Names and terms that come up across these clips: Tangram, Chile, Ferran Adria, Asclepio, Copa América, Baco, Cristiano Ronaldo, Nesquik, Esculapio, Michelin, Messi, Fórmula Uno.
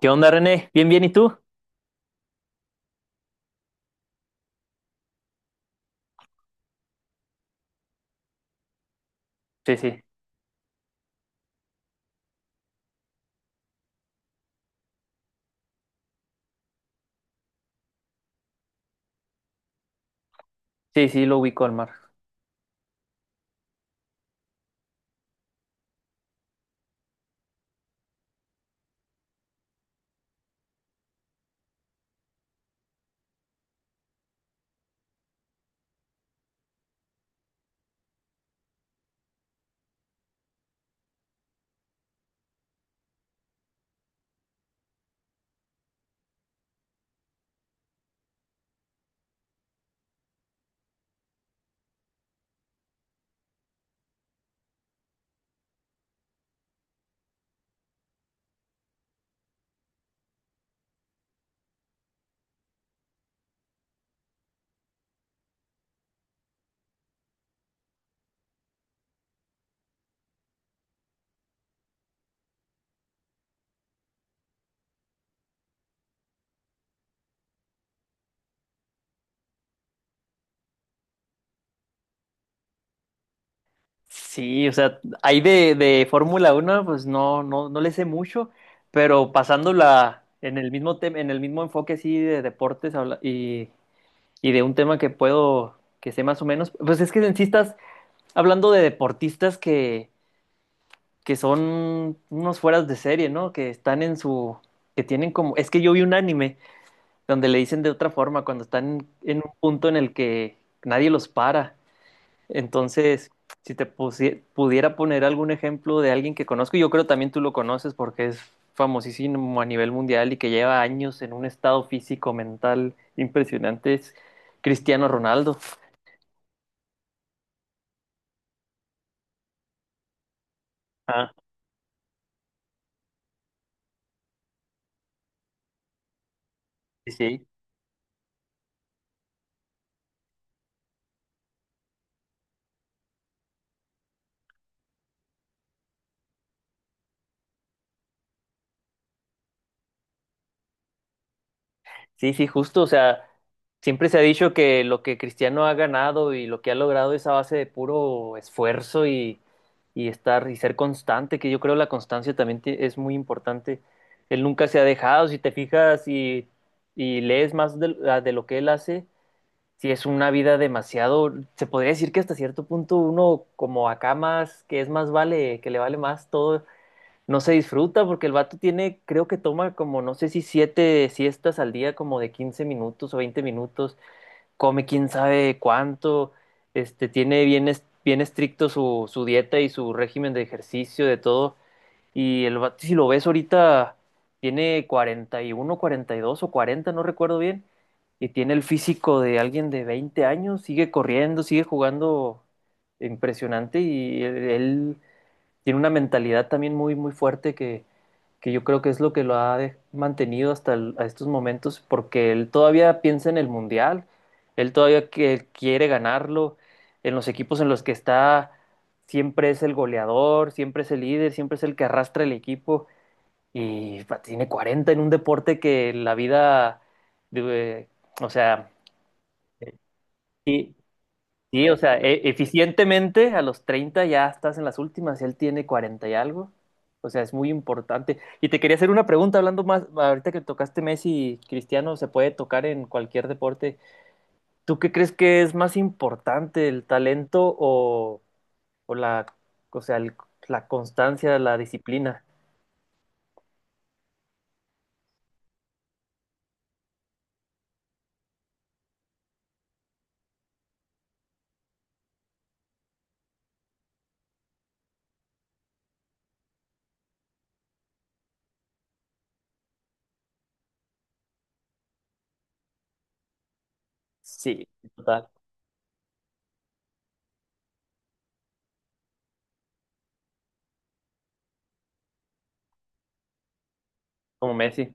¿Qué onda, René? ¿Bien, bien? ¿Y tú? Sí, sí, sí, sí, lo ubico al mar. Sí, o sea, ahí de Fórmula Uno, pues no le sé mucho, pero pasándola en el mismo tema, en el mismo enfoque así de deportes y de un tema que puedo, que sé más o menos, pues es que en sí estás hablando de deportistas que son unos fueras de serie, ¿no? Que están en su, que tienen como, es que yo vi un anime donde le dicen de otra forma, cuando están en un punto en el que nadie los para. Entonces, si pudiera poner algún ejemplo de alguien que conozco, yo creo también tú lo conoces porque es famosísimo a nivel mundial y que lleva años en un estado físico, mental impresionante, es Cristiano Ronaldo. Ah, sí, sí. Sí, sí, justo, o sea, siempre se ha dicho que lo que Cristiano ha ganado y lo que ha logrado es a base de puro esfuerzo y estar y ser constante, que yo creo la constancia también es muy importante. Él nunca se ha dejado, si te fijas y lees más de, de lo que él hace, si es una vida demasiado, se podría decir que hasta cierto punto uno como acá más, que es más vale, que le vale más todo no se disfruta porque el vato tiene, creo que toma como, no sé si 7 siestas al día, como de 15 minutos o 20 minutos, come quién sabe cuánto, este, tiene bien, bien estricto su, su dieta y su régimen de ejercicio, de todo. Y el vato, si lo ves ahorita, tiene 40 40 y uno 40 y dos o 40 no recuerdo bien, y tiene el físico de alguien de 20 años, sigue corriendo, sigue jugando impresionante y él tiene una mentalidad también muy, muy fuerte que yo creo que es lo que lo mantenido hasta a estos momentos, porque él todavía piensa en el mundial, él todavía que quiere ganarlo, en los equipos en los que está siempre es el goleador, siempre es el líder, siempre es el que arrastra el equipo y pa, tiene 40 en un deporte que la vida, de- o sea, y sí, o sea, eficientemente a los 30 ya estás en las últimas, él tiene 40 y algo. O sea, es muy importante. Y te quería hacer una pregunta, hablando más, ahorita que tocaste Messi, Cristiano, se puede tocar en cualquier deporte. ¿Tú qué crees que es más importante, el talento o la, o sea, la constancia, la disciplina? Sí, total, como Messi.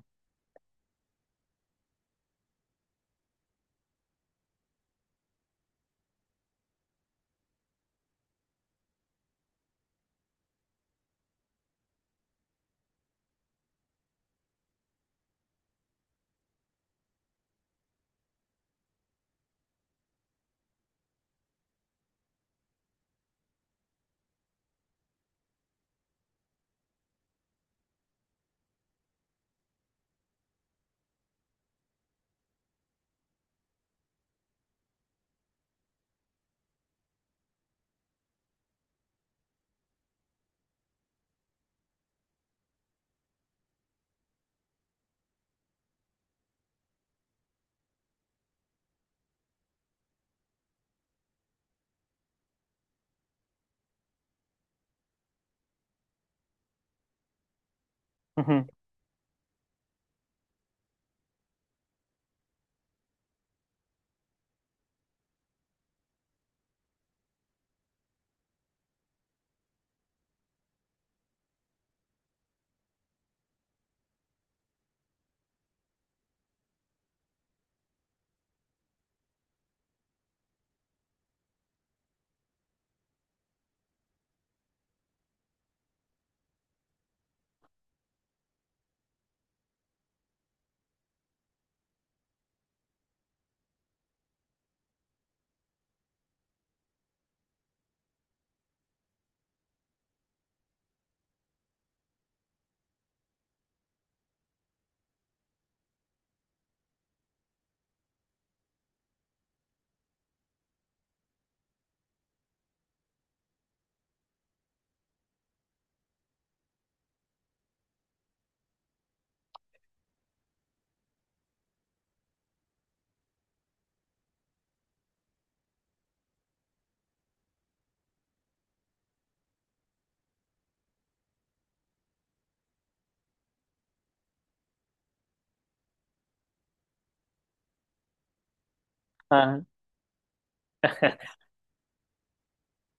Ujú.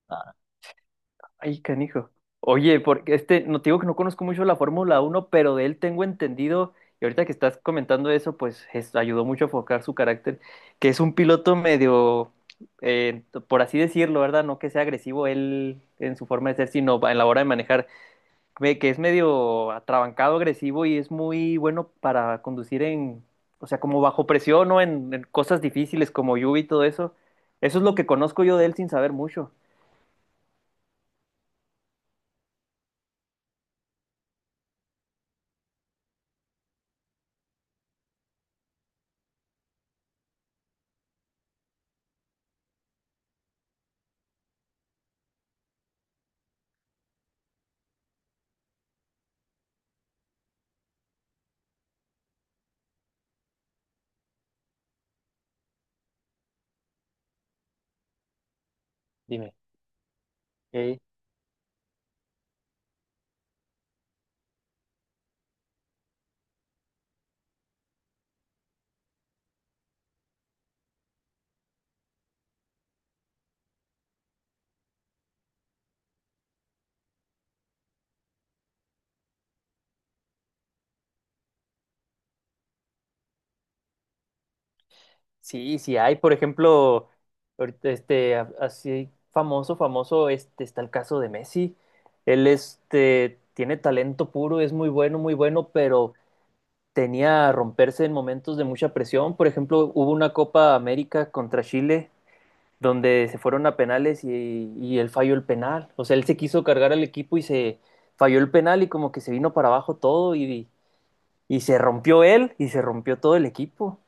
Ajá. Ay, canijo. Oye, porque este, no te digo que no conozco mucho la Fórmula Uno, pero de él tengo entendido, y ahorita que estás comentando eso, pues ayudó mucho a focar su carácter, que es un piloto medio, eh, por así decirlo, ¿verdad? No que sea agresivo él en su forma de ser, sino en la hora de manejar, que es medio atrabancado, agresivo y es muy bueno para conducir en, o sea, como bajo presión o en cosas difíciles como lluvia y todo eso. Eso es lo que conozco yo de él sin saber mucho. Dime. Sí, sí hay, por ejemplo, ahorita, este, así famoso, famoso, este, está el caso de Messi. Él, este, tiene talento puro, es muy bueno, muy bueno, pero tenía a romperse en momentos de mucha presión. Por ejemplo, hubo una Copa América contra Chile, donde se fueron a penales y él falló el penal. O sea, él se quiso cargar al equipo y se falló el penal y como que se vino para abajo todo y se rompió él y se rompió todo el equipo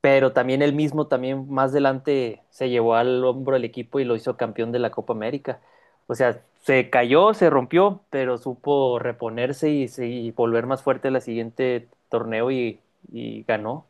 pero también él mismo, también más adelante, se llevó al hombro el equipo y lo hizo campeón de la Copa América. O sea, se cayó, se rompió, pero supo reponerse y, y volver más fuerte la siguiente torneo y ganó.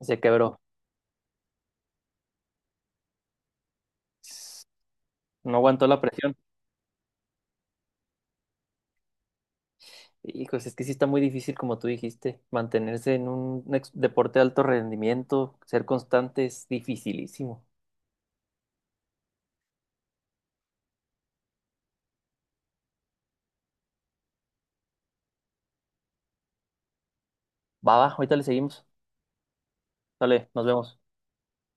Se quebró. No aguantó la presión. Y pues es que sí está muy difícil, como tú dijiste, mantenerse en un deporte de alto rendimiento, ser constante es dificilísimo. Va, va, ahorita le seguimos. Dale, nos vemos.